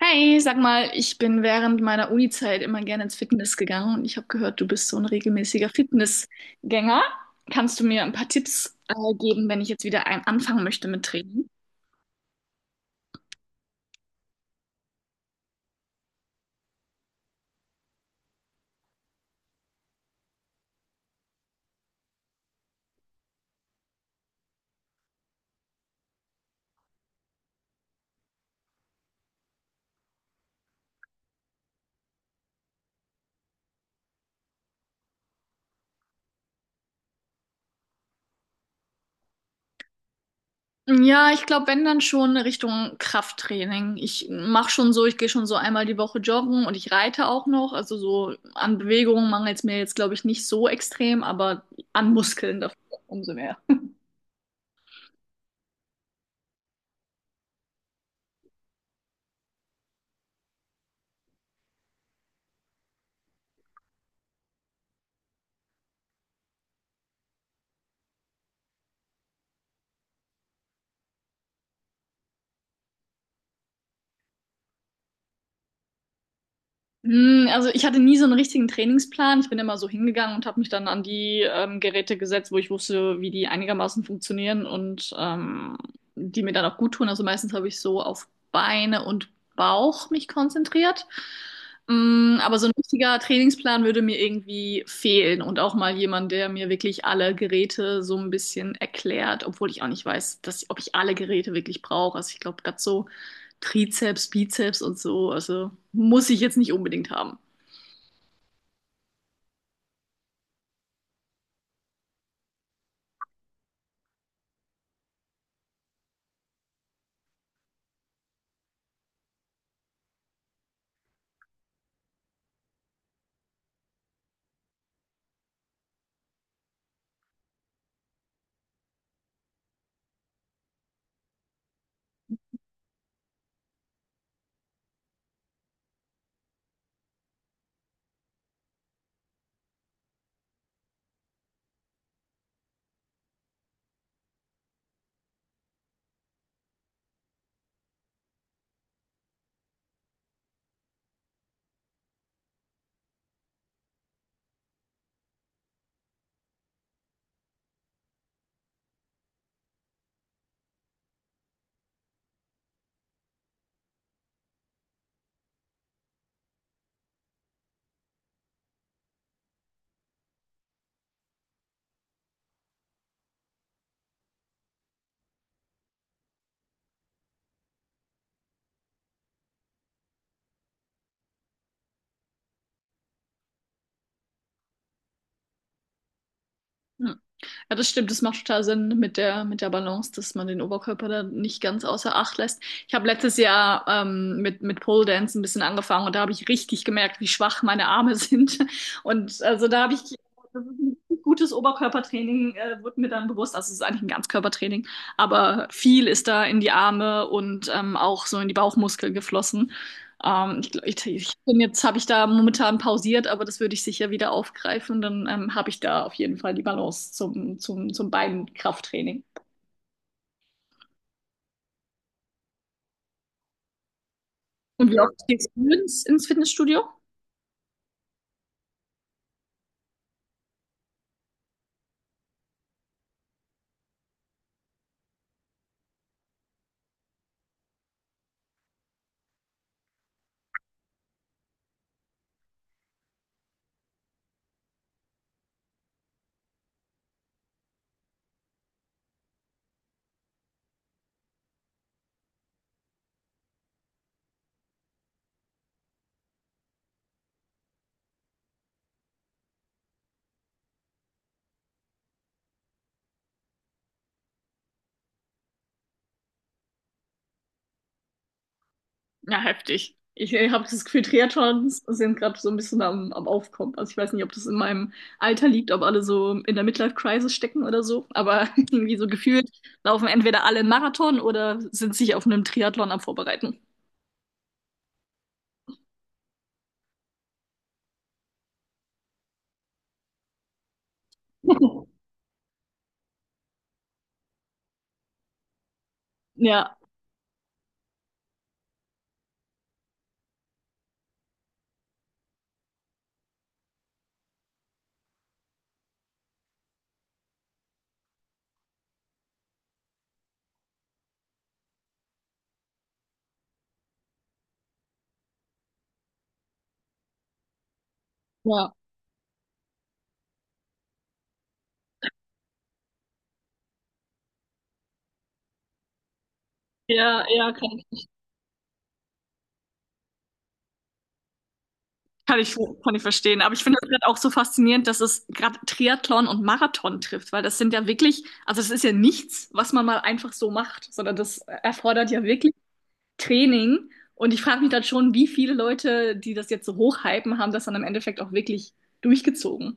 Hi, sag mal, ich bin während meiner Unizeit immer gerne ins Fitness gegangen und ich habe gehört, du bist so ein regelmäßiger Fitnessgänger. Kannst du mir ein paar Tipps geben, wenn ich jetzt wieder ein anfangen möchte mit Training? Ja, ich glaube, wenn dann schon Richtung Krafttraining. Ich mache schon so, ich gehe schon so einmal die Woche joggen und ich reite auch noch. Also so an Bewegungen mangelt es mir jetzt, glaube ich, nicht so extrem, aber an Muskeln dafür umso mehr. Hm, also ich hatte nie so einen richtigen Trainingsplan. Ich bin immer so hingegangen und habe mich dann an die Geräte gesetzt, wo ich wusste, wie die einigermaßen funktionieren, und die mir dann auch gut tun. Also meistens habe ich so auf Beine und Bauch mich konzentriert. Hm, aber so ein richtiger Trainingsplan würde mir irgendwie fehlen und auch mal jemand, der mir wirklich alle Geräte so ein bisschen erklärt, obwohl ich auch nicht weiß, dass, ob ich alle Geräte wirklich brauche. Also ich glaube, gerade so Trizeps, Bizeps und so. Also muss ich jetzt nicht unbedingt haben. Hm. Ja, das stimmt, das macht total Sinn mit mit der Balance, dass man den Oberkörper da nicht ganz außer Acht lässt. Ich habe letztes Jahr mit Pole Dance ein bisschen angefangen und da habe ich richtig gemerkt, wie schwach meine Arme sind. Und also da habe ich, das ist ein gutes Oberkörpertraining, wurde mir dann bewusst, also es ist eigentlich ein Ganzkörpertraining, aber viel ist da in die Arme und auch so in die Bauchmuskeln geflossen. Ich bin jetzt, habe ich da momentan pausiert, aber das würde ich sicher wieder aufgreifen. Dann habe ich da auf jeden Fall die Balance zum Beinkrafttraining. Und wie oft gehst du ins Fitnessstudio? Ja, heftig. Ich habe das Gefühl, Triathlons sind gerade so ein bisschen am Aufkommen. Also ich weiß nicht, ob das in meinem Alter liegt, ob alle so in der Midlife-Crisis stecken oder so. Aber irgendwie so gefühlt laufen entweder alle einen Marathon oder sind sich auf einem Triathlon am Vorbereiten. Ja, ja, ja, ja, kann ich, kann ich verstehen. Aber ich finde das gerade auch so faszinierend, dass es gerade Triathlon und Marathon trifft, weil das sind ja wirklich, also das ist ja nichts, was man mal einfach so macht, sondern das erfordert ja wirklich Training. Und ich frage mich dann schon, wie viele Leute, die das jetzt so hochhypen, haben das dann im Endeffekt auch wirklich durchgezogen.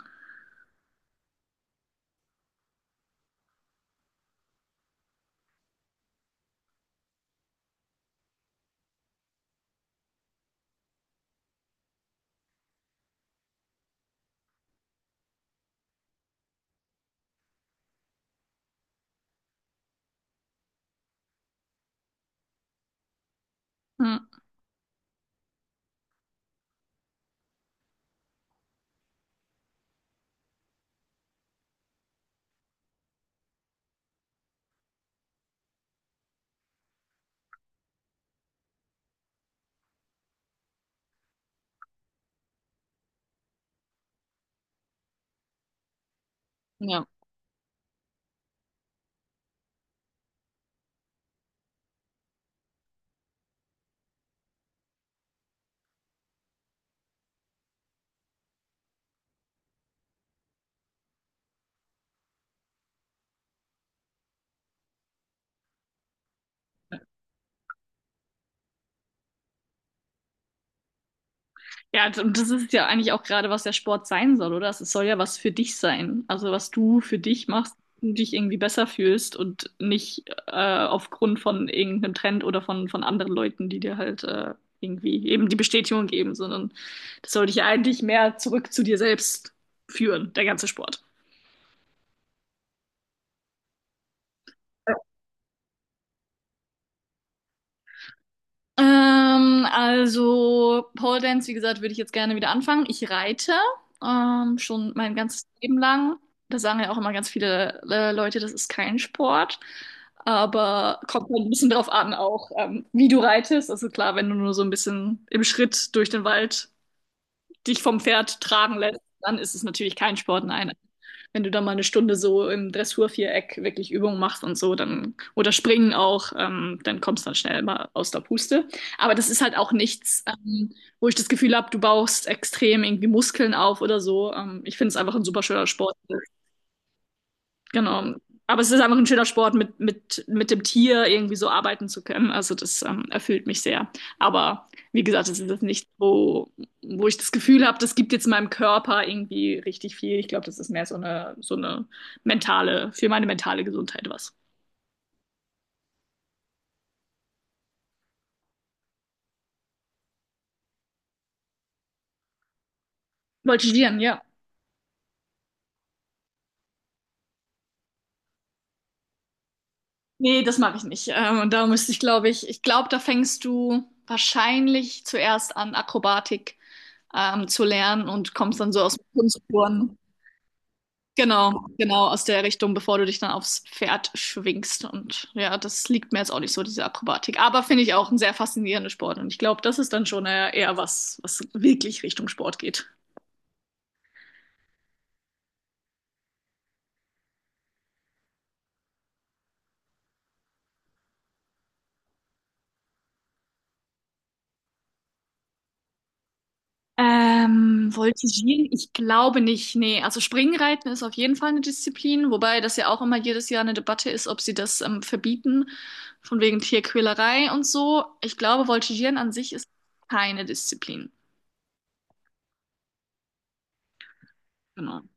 Hm. Ja. Ja, und das ist ja eigentlich auch gerade, was der Sport sein soll, oder? Es soll ja was für dich sein. Also was du für dich machst, du dich irgendwie besser fühlst und nicht aufgrund von irgendeinem Trend oder von anderen Leuten, die dir halt irgendwie eben die Bestätigung geben, sondern das soll dich ja eigentlich mehr zurück zu dir selbst führen, der ganze Sport. Also Pole Dance, wie gesagt, würde ich jetzt gerne wieder anfangen. Ich reite schon mein ganzes Leben lang. Da sagen ja auch immer ganz viele Leute, das ist kein Sport. Aber kommt halt ein bisschen drauf an, auch wie du reitest. Also klar, wenn du nur so ein bisschen im Schritt durch den Wald dich vom Pferd tragen lässt, dann ist es natürlich kein Sport, nein. Wenn du da mal eine Stunde so im Dressurviereck wirklich Übungen machst und so, dann, oder springen auch, dann kommst du dann schnell mal aus der Puste. Aber das ist halt auch nichts, wo ich das Gefühl habe, du baust extrem irgendwie Muskeln auf oder so. Ich finde es einfach ein super schöner Sport. Genau. Aber es ist einfach ein schöner Sport, mit dem Tier irgendwie so arbeiten zu können. Also das erfüllt mich sehr. Aber wie gesagt, es ist jetzt nicht so, wo ich das Gefühl habe, das gibt jetzt meinem Körper irgendwie richtig viel. Ich glaube, das ist mehr so so eine mentale, für meine mentale Gesundheit was. Voltigieren, ja. Nee, das mache ich nicht. Und da müsste ich, glaube ich, ich glaube, da fängst du wahrscheinlich zuerst an, Akrobatik zu lernen und kommst dann so aus dem Kunstturnen. Genau, genau, aus der Richtung, bevor du dich dann aufs Pferd schwingst. Und ja, das liegt mir jetzt auch nicht so, diese Akrobatik. Aber finde ich auch ein sehr faszinierender Sport. Und ich glaube, das ist dann schon eher, eher was, was wirklich Richtung Sport geht. Voltigieren? Ich glaube nicht. Nee, also Springreiten ist auf jeden Fall eine Disziplin, wobei das ja auch immer jedes Jahr eine Debatte ist, ob sie das verbieten, von wegen Tierquälerei und so. Ich glaube, Voltigieren an sich ist keine Disziplin. Genau.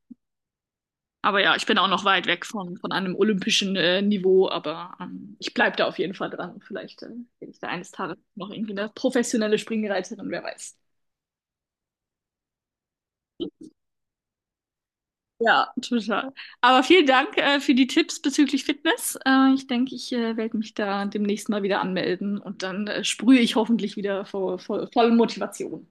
Aber ja, ich bin auch noch weit weg von einem olympischen Niveau, aber ich bleibe da auf jeden Fall dran. Vielleicht bin ich da eines Tages noch irgendwie eine professionelle Springreiterin, wer weiß. Ja, total. Aber vielen Dank für die Tipps bezüglich Fitness. Ich denke, ich werde mich da demnächst mal wieder anmelden und dann sprühe ich hoffentlich wieder vor, vor voller Motivation.